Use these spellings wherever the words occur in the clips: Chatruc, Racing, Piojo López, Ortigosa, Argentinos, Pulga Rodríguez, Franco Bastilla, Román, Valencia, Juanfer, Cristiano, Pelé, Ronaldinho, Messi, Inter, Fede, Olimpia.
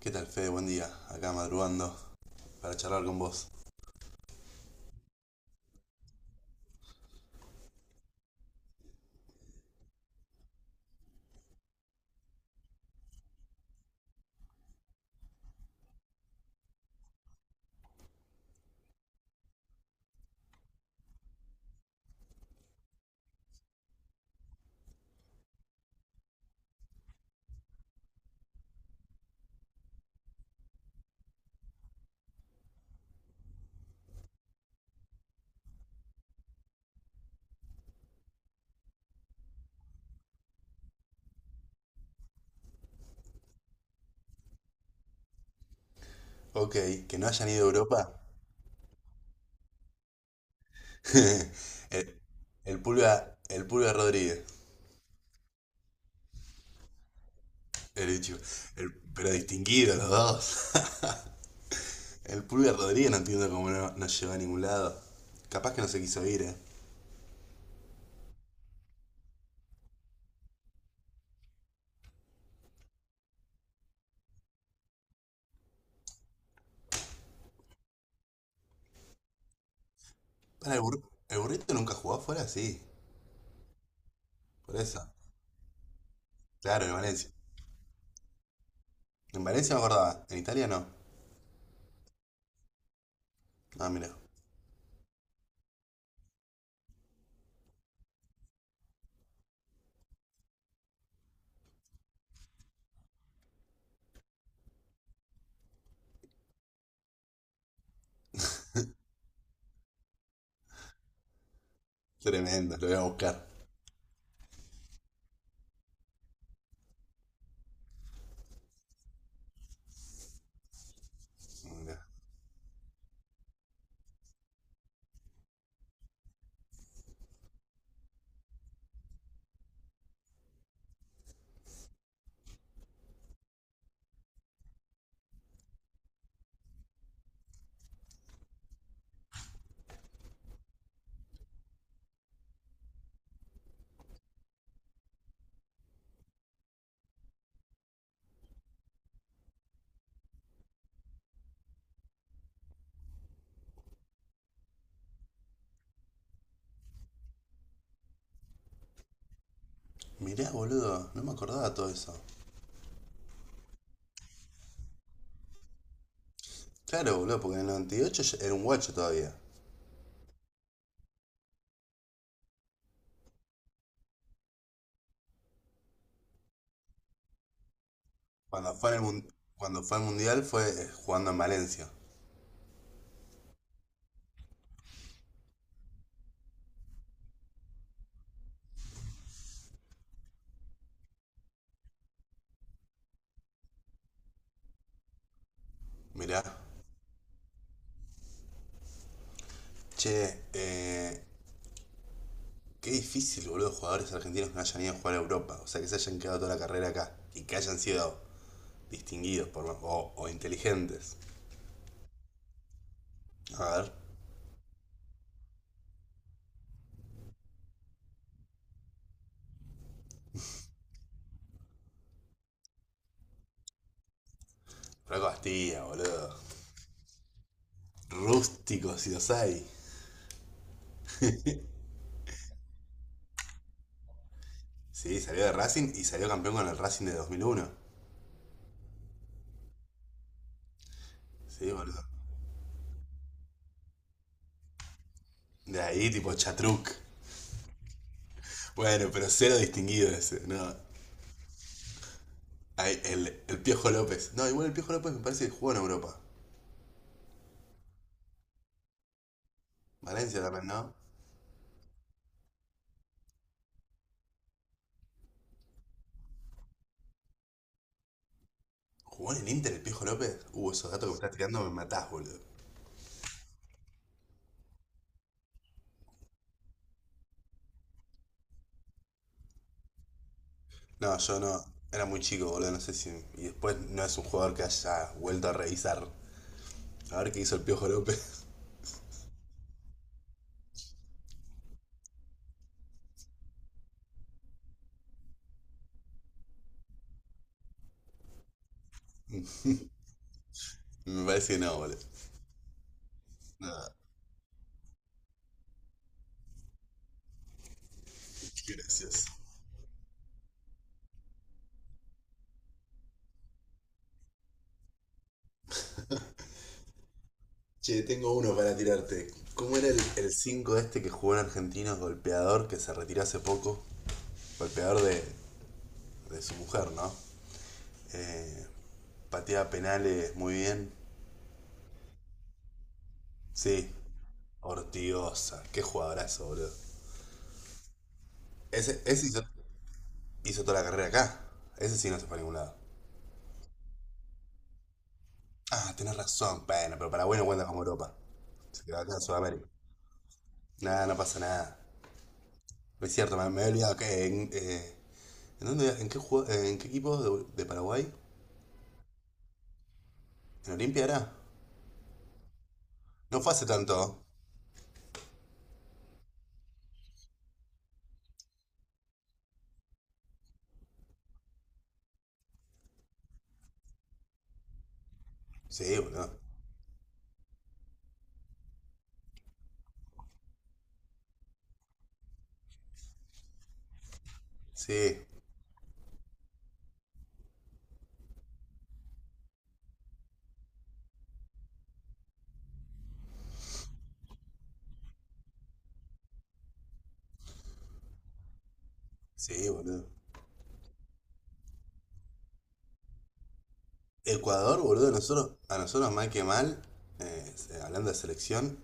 ¿Qué tal, Fede? Buen día. Acá madrugando para charlar con vos. Ok, que no hayan ido a Europa. El, el Pulga Rodríguez. El bicho. Pero distinguido los dos. El Pulga Rodríguez no entiendo cómo no llegó a ningún lado. Capaz que no se quiso ir. Para el burrito nunca jugó afuera, sí. Por eso. Claro, en Valencia. En Valencia me acordaba. En Italia no. Ah, mira. Tremendo, lo voy a buscar. Mirá, Mirá, boludo. No me acordaba todo eso. Claro, boludo, porque en el 98 ya era un guacho todavía. Cuando fue al mundial fue jugando en Valencia. Mirá. Che, eh, Qué difícil, boludo, jugadores argentinos que no hayan ido a jugar a Europa. O sea, que se hayan quedado toda la carrera acá. Y que hayan sido distinguidos o inteligentes. A ver. Franco Bastilla, boludo. Rústico, si los hay. Sí, salió de Racing y salió campeón con el Racing de 2001. Sí, boludo. De ahí, tipo Chatruc. Bueno, pero cero distinguido ese, no. Ay, el Piojo López. No, igual el Piojo López me parece que jugó en Europa. Valencia también, ¿no? ¿Jugó en el Inter el Piojo López? Esos datos que me estás tirando me matás, boludo. No, yo no. Era muy chico, boludo, no sé si... Y después no es un jugador que haya vuelto a revisar. A ver qué hizo el Piojo López. Me parece que no, boludo. No, qué gracioso. Che, tengo uno para tirarte. ¿Cómo era el 5 este que jugó en Argentinos, golpeador, que se retiró hace poco? Golpeador de su mujer, ¿no? Eh, Pateaba penales muy bien. Sí, Ortigosa, qué jugadorazo, boludo. Ese hizo toda la carrera acá. Ese sí no se fue a ningún lado. Ah, tenés razón, bueno, pero Paraguay no cuenta como Europa. Se quedó acá en Sudamérica. Nada, no pasa nada. No es cierto, me he olvidado que ¿en, dónde, en, qué jugó- en qué equipo de Paraguay? ¿En Olimpia era? No fue hace tanto. Sí, boludo. Sí, sí, boludo. Ecuador, boludo, a nosotros mal que mal, eh, hablando de selección,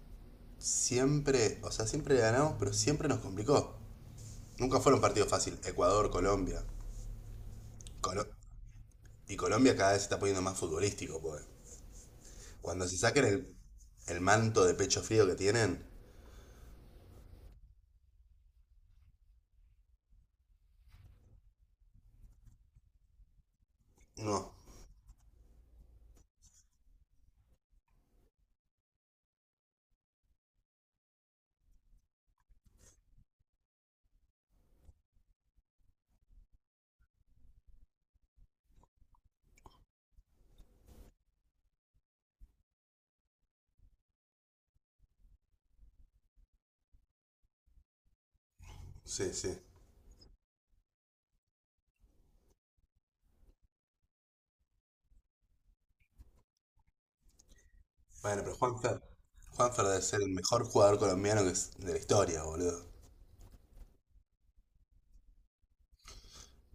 siempre, o sea, siempre le ganamos, pero siempre nos complicó. Nunca fueron partidos fáciles. Ecuador, Colombia. Colo- y Colombia cada vez se está poniendo más futbolístico, pues. Cuando se saquen el manto de pecho frío que tienen. No, sí, sí. Bueno, pero Juanfer. Juanfer debe ser el mejor jugador colombiano de la historia, boludo.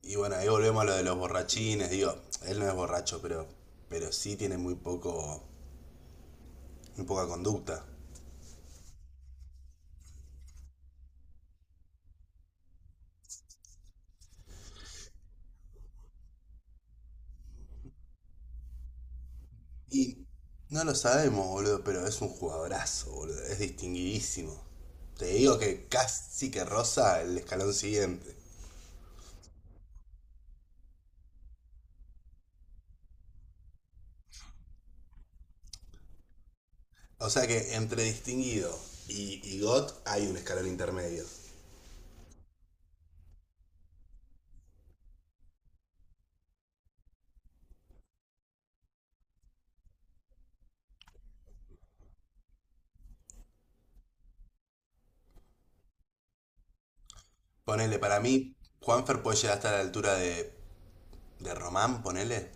Y bueno, ahí volvemos a lo de los borrachines. Digo, él no es borracho, pero sí tiene muy poca conducta. Y no lo sabemos, boludo, pero es un jugadorazo, boludo. Es distinguidísimo. Te digo que casi que rosa el escalón siguiente. O sea que entre distinguido y god hay un escalón intermedio. Ponele, para mí, Juanfer puede llegar hasta la altura de Román, ponele.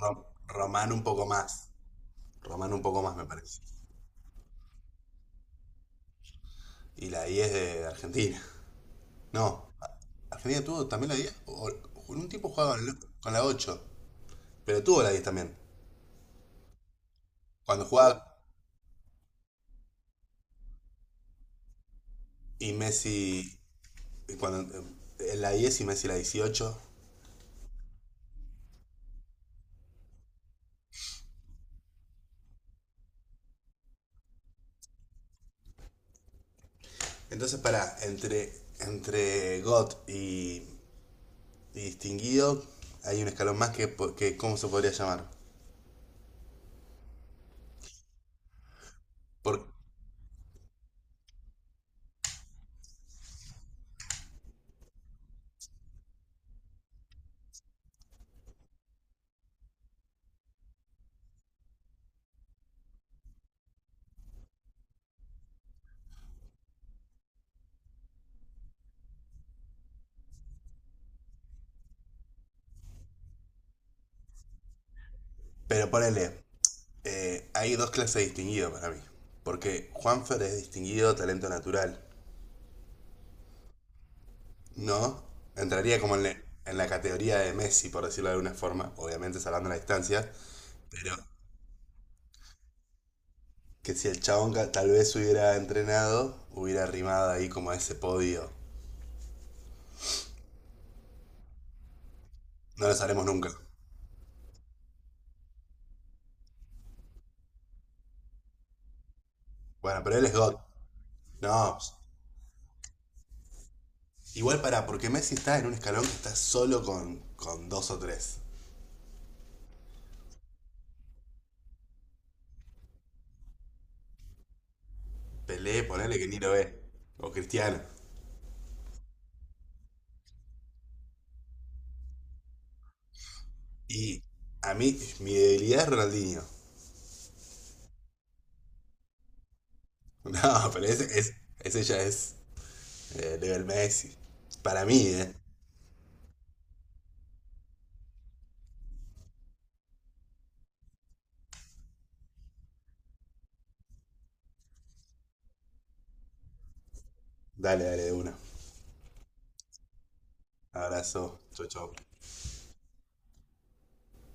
Román un poco más. Román un poco más, me parece. Y la 10 de Argentina. No, Argentina tuvo también la diez. Un tipo jugaba con la 8, pero tuvo la 10 también. Cuando jugaba y Messi, cuando en la 10 y Messi la 18. Entonces, entre GOT y distinguido, hay un escalón más que ¿cómo se podría llamar? Por, pero ponele, hay dos clases de distinguido para mí. Porque Juanfer es distinguido talento natural, ¿no? Entraría como en la categoría de Messi, por decirlo de alguna forma, obviamente salvando la distancia, pero que si el chabón tal vez hubiera entrenado, hubiera rimado ahí como a ese podio. No lo sabremos nunca. Bueno, pero él es God. No. Pues, igual, porque Messi está en un escalón que está solo con dos o tres. Pelé, ponele que ni lo ve. O Cristiano. Y a mí, mi debilidad es Ronaldinho. No, pero ese ya es level Messi. Para mí. Dale, dale, de una. Abrazo. Chau, chau.